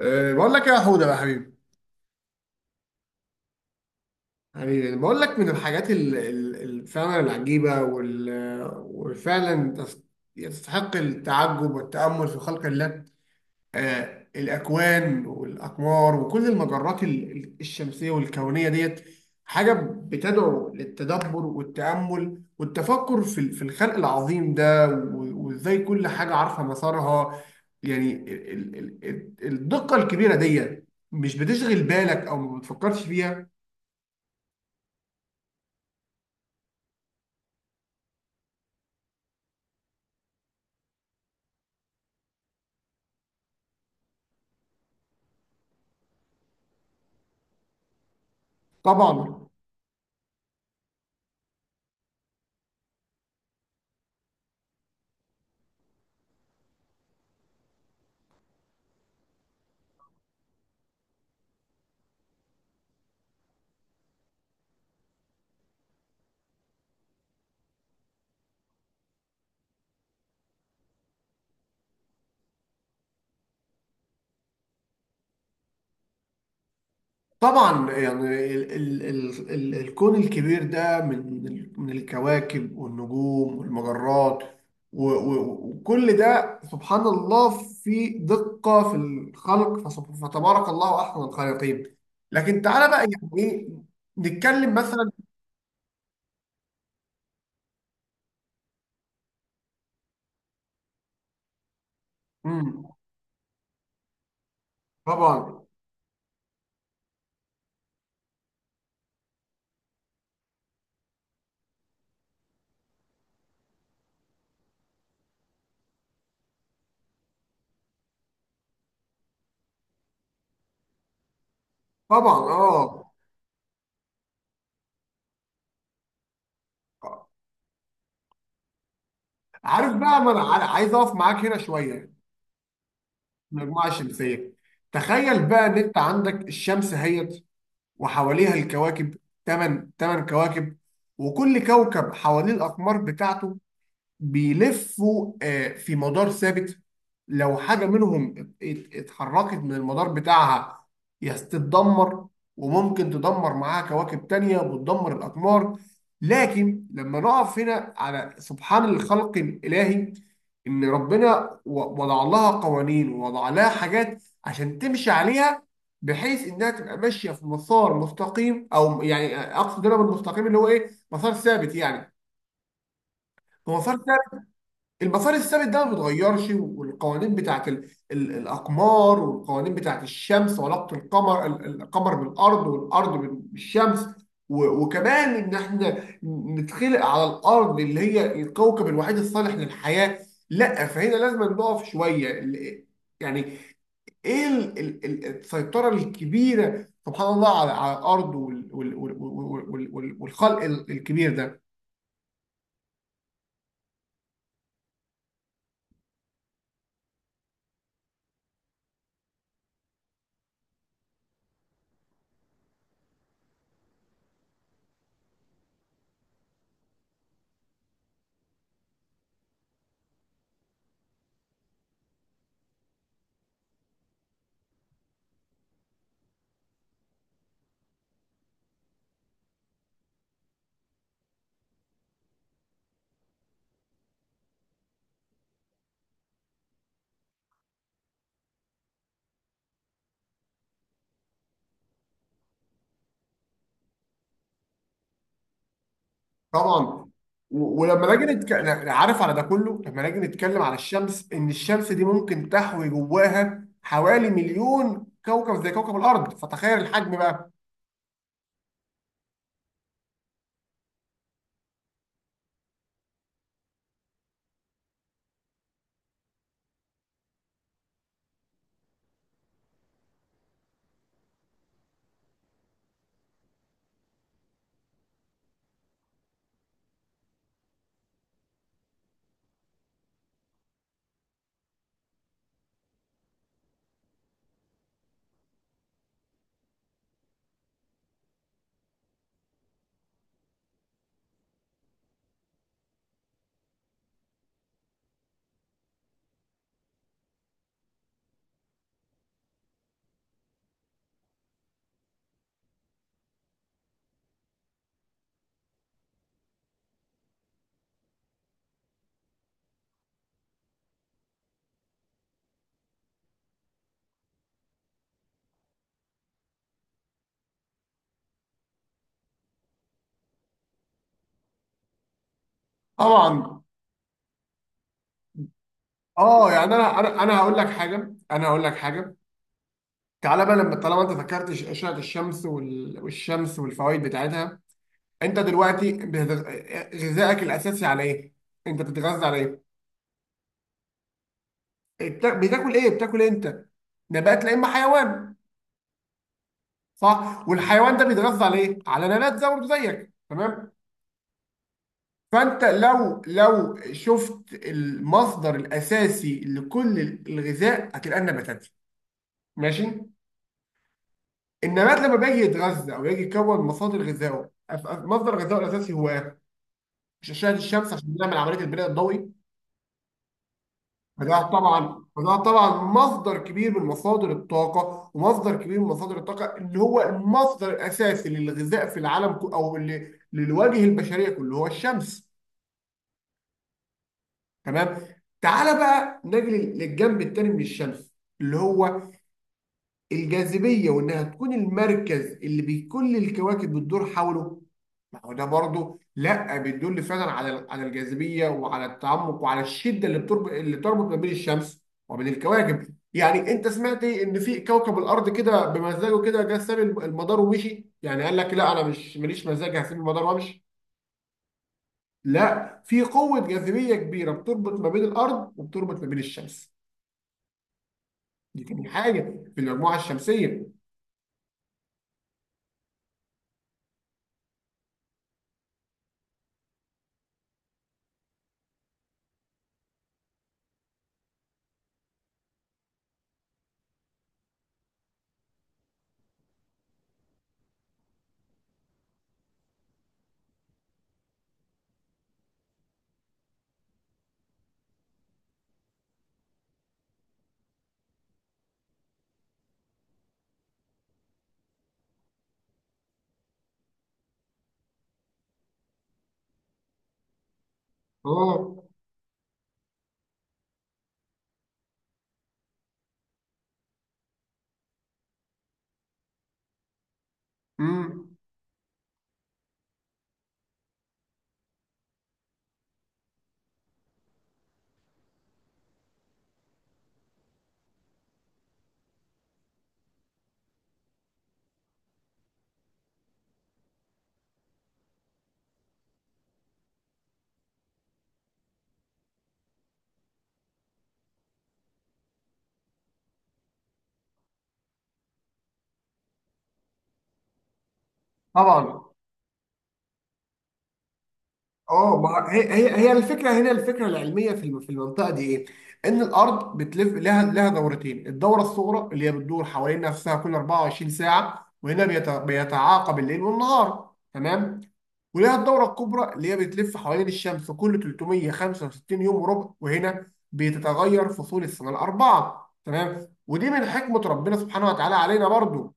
بقول لك إيه يا حوده بقى حبيبي. حبيبي، أنا بقول لك من الحاجات فعلا العجيبه وفعلا يستحق التعجب والتامل في خلق الله. الأكوان والأقمار وكل المجرات الشمسية والكونية ديت حاجة بتدعو للتدبر والتأمل والتفكر في في الخلق العظيم ده وإزاي كل حاجة عارفة مسارها. يعني الدقة الكبيرة ديت مش بتشغل بالك أو ما بتفكرش فيها. طبعا. طبعا يعني ال الكون الكبير ده من من الكواكب والنجوم والمجرات و- و- وكل ده سبحان الله في دقة في الخلق، فتبارك الله أحسن الخالقين. لكن تعالى بقى يعني إيه نتكلم مثلا. مم. طبعا. طبعا، اه. عارف بقى، ما انا عايز اقف معاك هنا شويه. المجموعه الشمسيه، تخيل بقى ان انت عندك الشمس اهيت وحواليها الكواكب، 8 كواكب، وكل كوكب حواليه الأقمار بتاعته، بيلفوا في مدار ثابت. لو حاجة منهم اتحركت من المدار بتاعها يستتدمر، وممكن تدمر معاها كواكب تانية وتدمر الأقمار. لكن لما نقف هنا على سبحان الخلق الإلهي، إن ربنا وضع لها قوانين ووضع لها حاجات عشان تمشي عليها، بحيث إنها تبقى ماشية في مسار مستقيم، أو يعني أقصد هنا بالمستقيم اللي هو إيه، مسار ثابت يعني. هو مسار، المسار الثابت ده ما بيتغيرش، والقوانين بتاعت ال الاقمار والقوانين بتاعت الشمس وعلاقه القمر القمر بالارض، والارض بالشمس. وكمان ان احنا نتخلق على الارض اللي هي الكوكب الوحيد الصالح للحياه. لا، فهنا لازم نقف شويه يعني، ايه السيطره الكبيره سبحان الله على على الارض والخلق الكبير ده. طبعا، ولما نيجي نتكلم، عارف، على ده كله. لما نيجي نتكلم على الشمس، ان الشمس دي ممكن تحوي جواها حوالي مليون كوكب زي كوكب الارض، فتخيل الحجم بقى. طبعا اه. يعني انا هقول لك حاجه، انا هقول لك حاجه. تعالى بقى، لما طالما انت ذكرت اشعه الشمس والشمس والفوائد بتاعتها، انت دلوقتي غذائك الاساسي على ايه؟ انت بتتغذى على ايه؟ بتاكل ايه؟ بتاكل إيه انت؟ نبات، لا اما حيوان. صح، والحيوان ده بيتغذى على ايه؟ على نبات زي برضه زيك تمام. فانت لو شفت المصدر الاساسي لكل الغذاء هتلقى النباتات. ماشي، النبات لما بيجي يتغذى او يجي يكون مصادر غذائه مصدر غذائه الاساسي هو إيه؟ مش اشعه الشمس عشان نعمل عمليه البناء الضوئي؟ فده طبعا مصدر كبير من مصادر الطاقه، ومصدر كبير من مصادر الطاقه اللي هو المصدر الاساسي للغذاء في العالم او اللي للوجه البشريه كله هو الشمس. تمام. تعالى بقى نجي للجنب التاني من الشمس، اللي هو الجاذبيه، وانها تكون المركز اللي كل الكواكب بتدور حوله. ما هو ده برضه لا بيدل فعلا على على الجاذبيه وعلى التعمق وعلى الشده اللي تربط ما بين الشمس وبين الكواكب. يعني انت سمعت إيه؟ ان في كوكب الارض كده بمزاجه كده جه ساب المدار ومشي؟ يعني قال لك لا انا مش ماليش مزاج هسيب المدار وامشي. لا، في قوه جاذبيه كبيره بتربط ما بين الارض وبتربط ما بين الشمس. دي تاني حاجة في المجموعة الشمسية. اه. امم. طبعا اه. ما هي هي الفكره هنا، الفكره العلميه في في المنطقه دي ايه؟ ان الارض بتلف لها دورتين، الدوره الصغرى اللي هي بتدور حوالين نفسها كل 24 ساعه، وهنا بيتعاقب الليل والنهار، تمام؟ ولها الدوره الكبرى اللي هي بتلف حوالين الشمس كل 365 يوم وربع، وهنا بتتغير فصول السنه الاربعه، تمام؟ ودي من حكمه ربنا سبحانه وتعالى علينا برضو.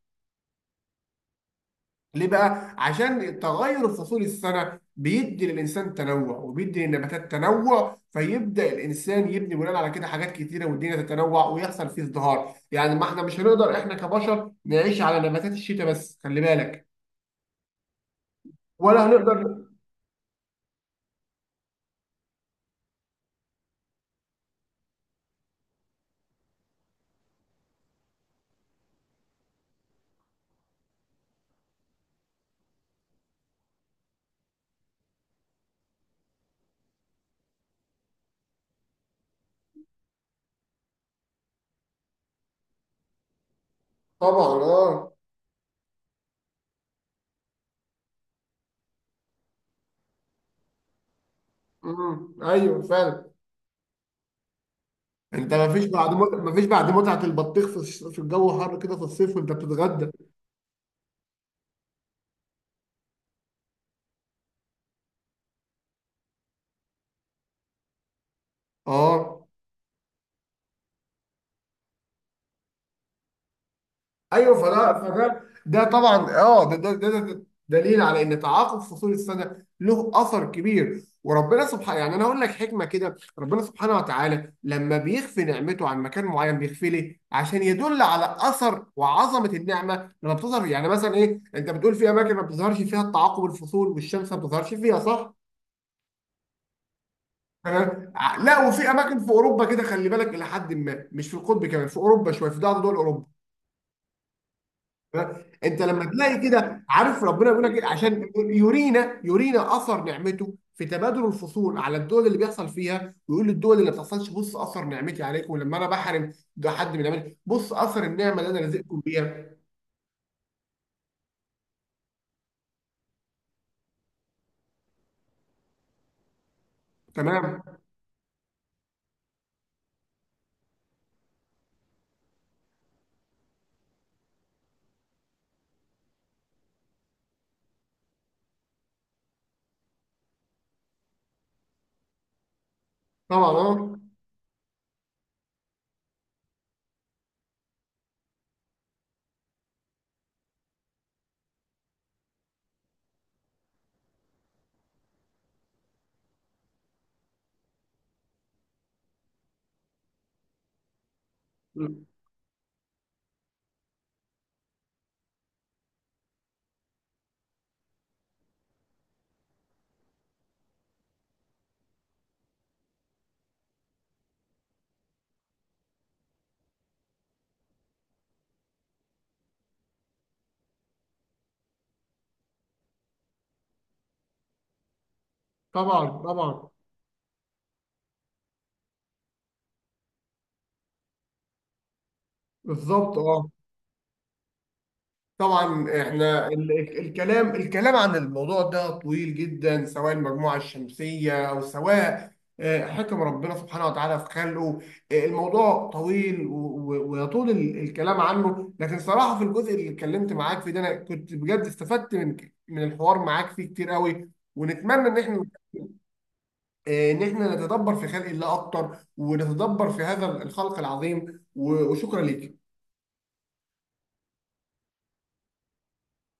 ليه بقى؟ عشان تغير فصول السنة بيدي للإنسان تنوع، وبيدي للنباتات تنوع، فيبدأ الإنسان يبني بناء على كده حاجات كتيرة، والدنيا تتنوع ويحصل فيه ازدهار. يعني ما احنا مش هنقدر احنا كبشر نعيش على نباتات الشتاء بس، خلي بالك، ولا هنقدر. طبعا اه. امم، ايوه فعلا. انت ما فيش بعد ما فيش بعد متعة البطيخ في في الجو حر كده في الصيف وانت بتتغدى. اه ايوه. فده فده ده طبعا اه، ده دليل على ان تعاقب فصول السنه له اثر كبير. وربنا سبحانه، يعني انا اقول لك حكمه كده، ربنا سبحانه وتعالى لما بيخفي نعمته عن مكان معين بيخفي ليه؟ عشان يدل على اثر وعظمه النعمه لما بتظهر. يعني مثلا ايه، انت بتقول في اماكن ما بتظهرش فيها التعاقب الفصول والشمس ما بتظهرش فيها، صح؟ تمام. لا، وفي اماكن في اوروبا كده خلي بالك، الى حد ما مش في القطب، كمان في اوروبا شويه، في بعض دول اوروبا. انت لما تلاقي كده، عارف ربنا بيقول لك ايه؟ عشان يرينا اثر نعمته في تبادل الفصول على الدول اللي بيحصل فيها، ويقول للدول اللي ما بتحصلش، بص اثر نعمتي عليكم، لما انا بحرم ده حد من عملي بص اثر النعمه اللي انا رزقكم بيها. تمام. طبعا اه. طبعا. طبعا، بالظبط اه. طبعا، احنا الكلام عن الموضوع ده طويل جدا، سواء المجموعة الشمسية او سواء حكم ربنا سبحانه وتعالى في خلقه. الموضوع طويل ويطول الكلام عنه، لكن صراحة في الجزء اللي اتكلمت معاك فيه ده انا كنت بجد استفدت من الحوار معاك فيه كتير قوي. ونتمنى ان احنا ان احنا نتدبر في خلق الله اكتر، ونتدبر في هذا الخلق العظيم. وشكرا ليك.